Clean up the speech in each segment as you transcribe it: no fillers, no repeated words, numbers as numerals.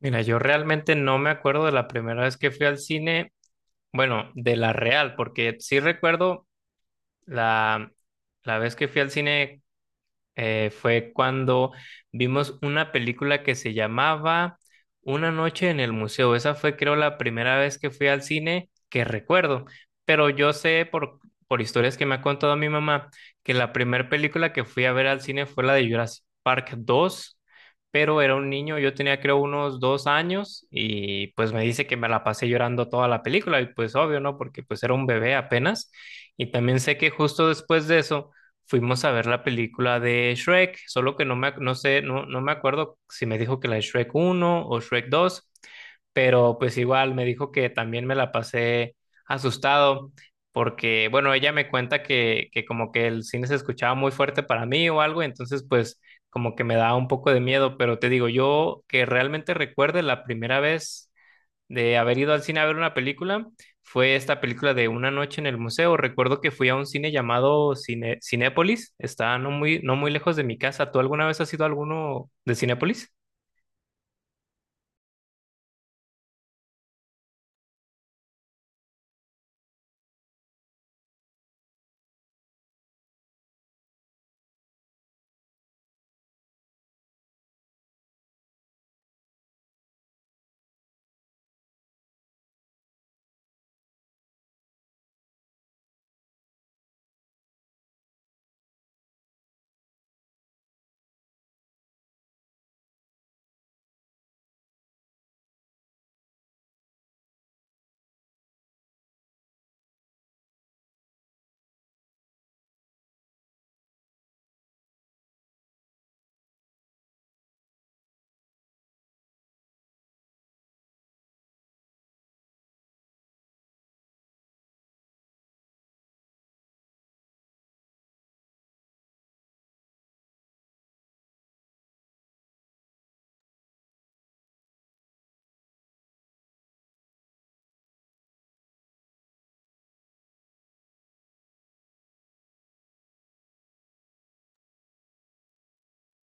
Mira, yo realmente no me acuerdo de la primera vez que fui al cine, bueno, de la real, porque sí recuerdo la, la vez que fui al cine fue cuando vimos una película que se llamaba Una noche en el museo. Esa fue, creo, la primera vez que fui al cine que recuerdo, pero yo sé por historias que me ha contado mi mamá que la primera película que fui a ver al cine fue la de Jurassic Park 2. Pero era un niño, yo tenía creo unos dos años y pues me dice que me la pasé llorando toda la película y pues obvio, ¿no? Porque pues era un bebé apenas. Y también sé que justo después de eso fuimos a ver la película de Shrek, solo que no sé, no, no me acuerdo si me dijo que la de Shrek uno o Shrek 2, pero pues igual me dijo que también me la pasé asustado, porque bueno, ella me cuenta que como que el cine se escuchaba muy fuerte para mí o algo, entonces pues como que me daba un poco de miedo, pero te digo, yo que realmente recuerde la primera vez de haber ido al cine a ver una película fue esta película de Una noche en el museo. Recuerdo que fui a un cine llamado cine, Cinépolis, está no muy, no muy lejos de mi casa. ¿Tú alguna vez has ido a alguno de Cinépolis?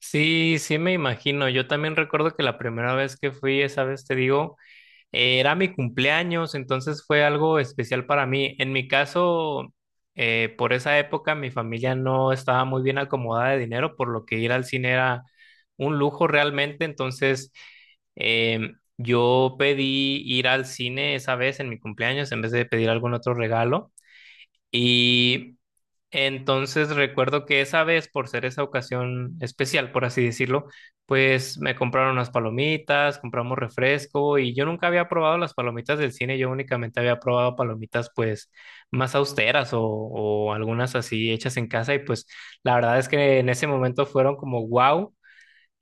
Sí, sí me imagino. Yo también recuerdo que la primera vez que fui, esa vez te digo, era mi cumpleaños, entonces fue algo especial para mí. En mi caso, por esa época mi familia no estaba muy bien acomodada de dinero, por lo que ir al cine era un lujo realmente. Entonces, yo pedí ir al cine esa vez en mi cumpleaños en vez de pedir algún otro regalo. Y entonces recuerdo que esa vez, por ser esa ocasión especial, por así decirlo, pues me compraron unas palomitas, compramos refresco y yo nunca había probado las palomitas del cine, yo únicamente había probado palomitas pues más austeras o algunas así hechas en casa y pues la verdad es que en ese momento fueron como wow,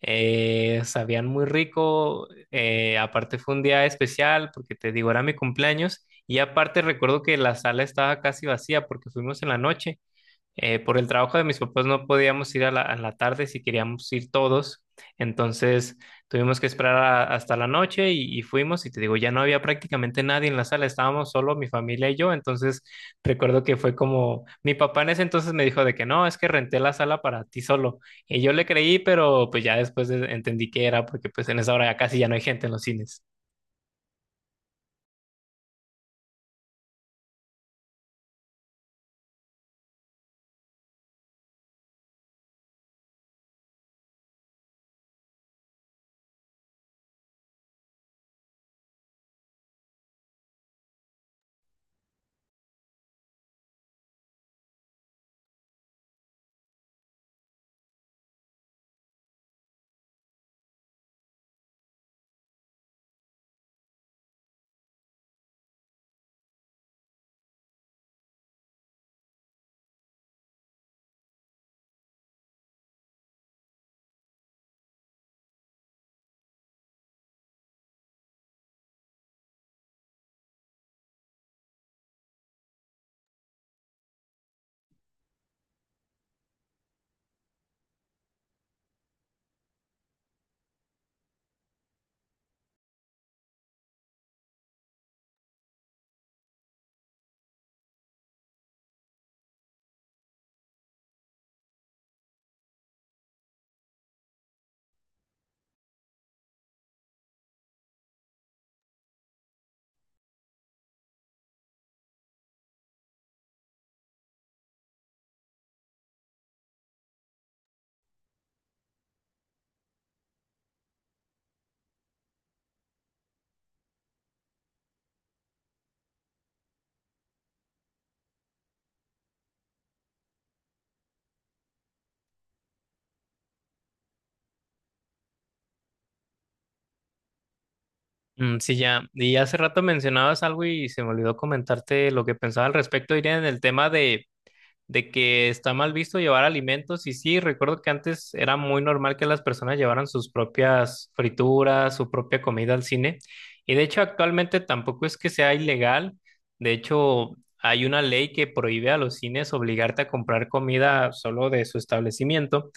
sabían muy rico, aparte fue un día especial porque te digo, era mi cumpleaños y aparte recuerdo que la sala estaba casi vacía porque fuimos en la noche, por el trabajo de mis papás no podíamos ir a la tarde si queríamos ir todos, entonces tuvimos que esperar hasta la noche y fuimos y te digo, ya no había prácticamente nadie en la sala, estábamos solo mi familia y yo. Entonces recuerdo que fue como, mi papá en ese entonces me dijo de que no, es que renté la sala para ti solo y yo le creí, pero pues ya después entendí que era porque pues en esa hora ya casi ya no hay gente en los cines. Mm, sí, ya. Y hace rato mencionabas algo y se me olvidó comentarte lo que pensaba al respecto, Irene, en el tema de que está mal visto llevar alimentos y sí, recuerdo que antes era muy normal que las personas llevaran sus propias frituras, su propia comida al cine y de hecho actualmente tampoco es que sea ilegal, de hecho hay una ley que prohíbe a los cines obligarte a comprar comida solo de su establecimiento.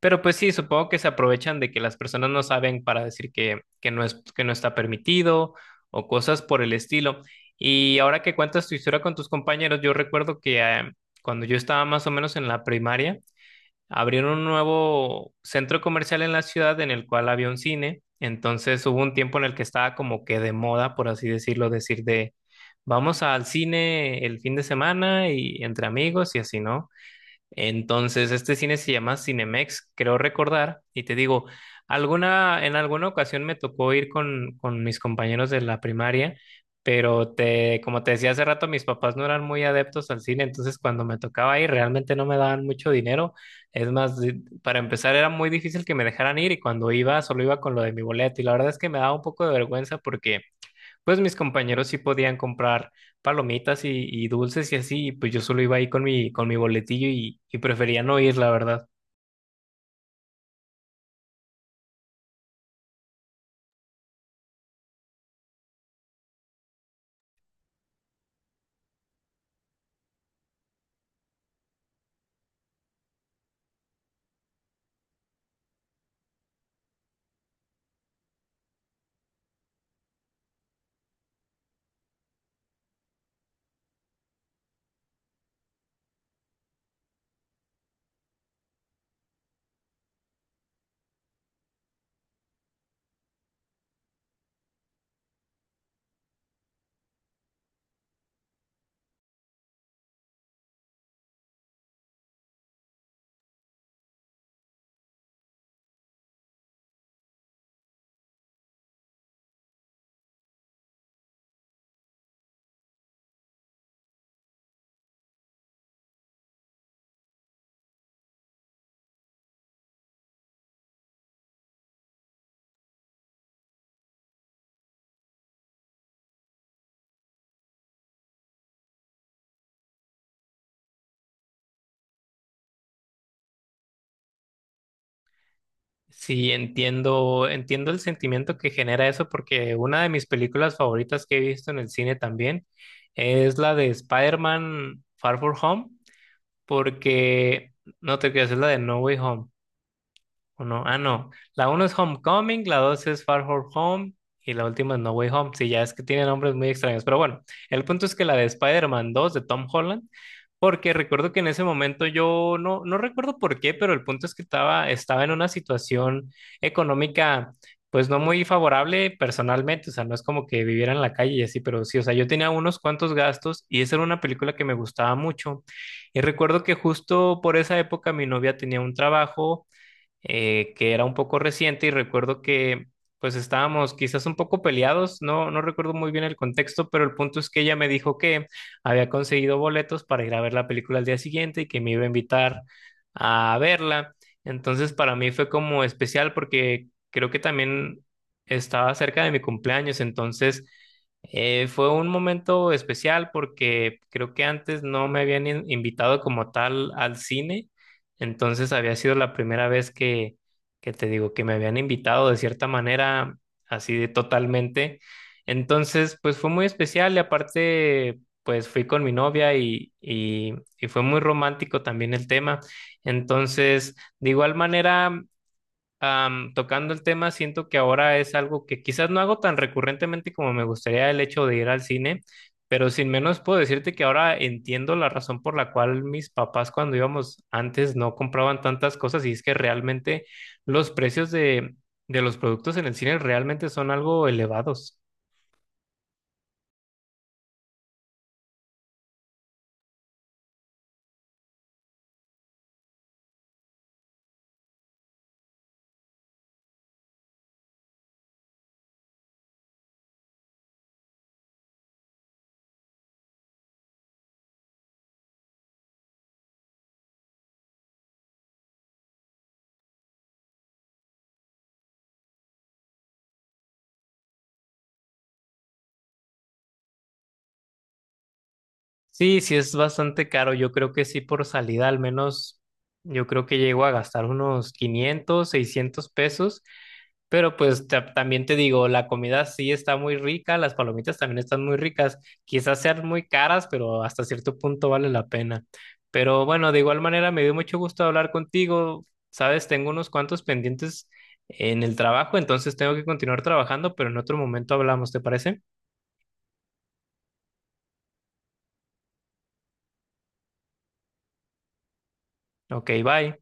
Pero pues sí, supongo que se aprovechan de que las personas no saben para decir que no es, que no está permitido o cosas por el estilo. Y ahora que cuentas tu historia con tus compañeros, yo recuerdo que cuando yo estaba más o menos en la primaria, abrieron un nuevo centro comercial en la ciudad en el cual había un cine. Entonces hubo un tiempo en el que estaba como que de moda, por así decirlo, decir de vamos al cine el fin de semana y entre amigos y así, ¿no? Entonces, este cine se llama Cinemex, creo recordar, y te digo, alguna, en alguna ocasión me tocó ir con mis compañeros de la primaria, pero te, como te decía hace rato, mis papás no eran muy adeptos al cine, entonces cuando me tocaba ir realmente no me daban mucho dinero. Es más, para empezar era muy difícil que me dejaran ir y cuando iba solo iba con lo de mi boleto y la verdad es que me daba un poco de vergüenza porque pues mis compañeros sí podían comprar palomitas y dulces y así, y pues yo solo iba ahí con mi boletillo y prefería no ir, la verdad. Sí, entiendo, entiendo el sentimiento que genera eso porque una de mis películas favoritas que he visto en el cine también es la de Spider-Man Far From Home, porque no te creas, es la de No Way Home. Uno, ah, no. La uno es Homecoming, la dos es Far From Home y la última es No Way Home. Sí, ya es que tiene nombres muy extraños. Pero bueno, el punto es que la de Spider-Man 2 de Tom Holland, porque recuerdo que en ese momento yo no recuerdo por qué, pero el punto es que estaba en una situación económica. Pues no muy favorable personalmente, o sea, no es como que viviera en la calle y así, pero sí, o sea, yo tenía unos cuantos gastos y esa era una película que me gustaba mucho. Y recuerdo que justo por esa época mi novia tenía un trabajo, que era un poco reciente y recuerdo que pues estábamos quizás un poco peleados, no recuerdo muy bien el contexto, pero el punto es que ella me dijo que había conseguido boletos para ir a ver la película al día siguiente y que me iba a invitar a verla. Entonces para mí fue como especial porque creo que también estaba cerca de mi cumpleaños, entonces fue un momento especial porque creo que antes no me habían invitado como tal al cine, entonces había sido la primera vez que te digo, que me habían invitado de cierta manera, así de totalmente. Entonces, pues fue muy especial y aparte, pues fui con mi novia y fue muy romántico también el tema. Entonces, de igual manera, tocando el tema, siento que ahora es algo que quizás no hago tan recurrentemente como me gustaría el hecho de ir al cine, pero sin menos puedo decirte que ahora entiendo la razón por la cual mis papás cuando íbamos antes no compraban tantas cosas y es que realmente los precios de los productos en el cine realmente son algo elevados. Sí, sí es bastante caro. Yo creo que sí por salida al menos, yo creo que llego a gastar unos 500, 600 pesos. Pero pues también te digo, la comida sí está muy rica, las palomitas también están muy ricas, quizás sean muy caras, pero hasta cierto punto vale la pena. Pero bueno, de igual manera me dio mucho gusto hablar contigo. Sabes, tengo unos cuantos pendientes en el trabajo, entonces tengo que continuar trabajando, pero en otro momento hablamos, ¿te parece? Ok, bye.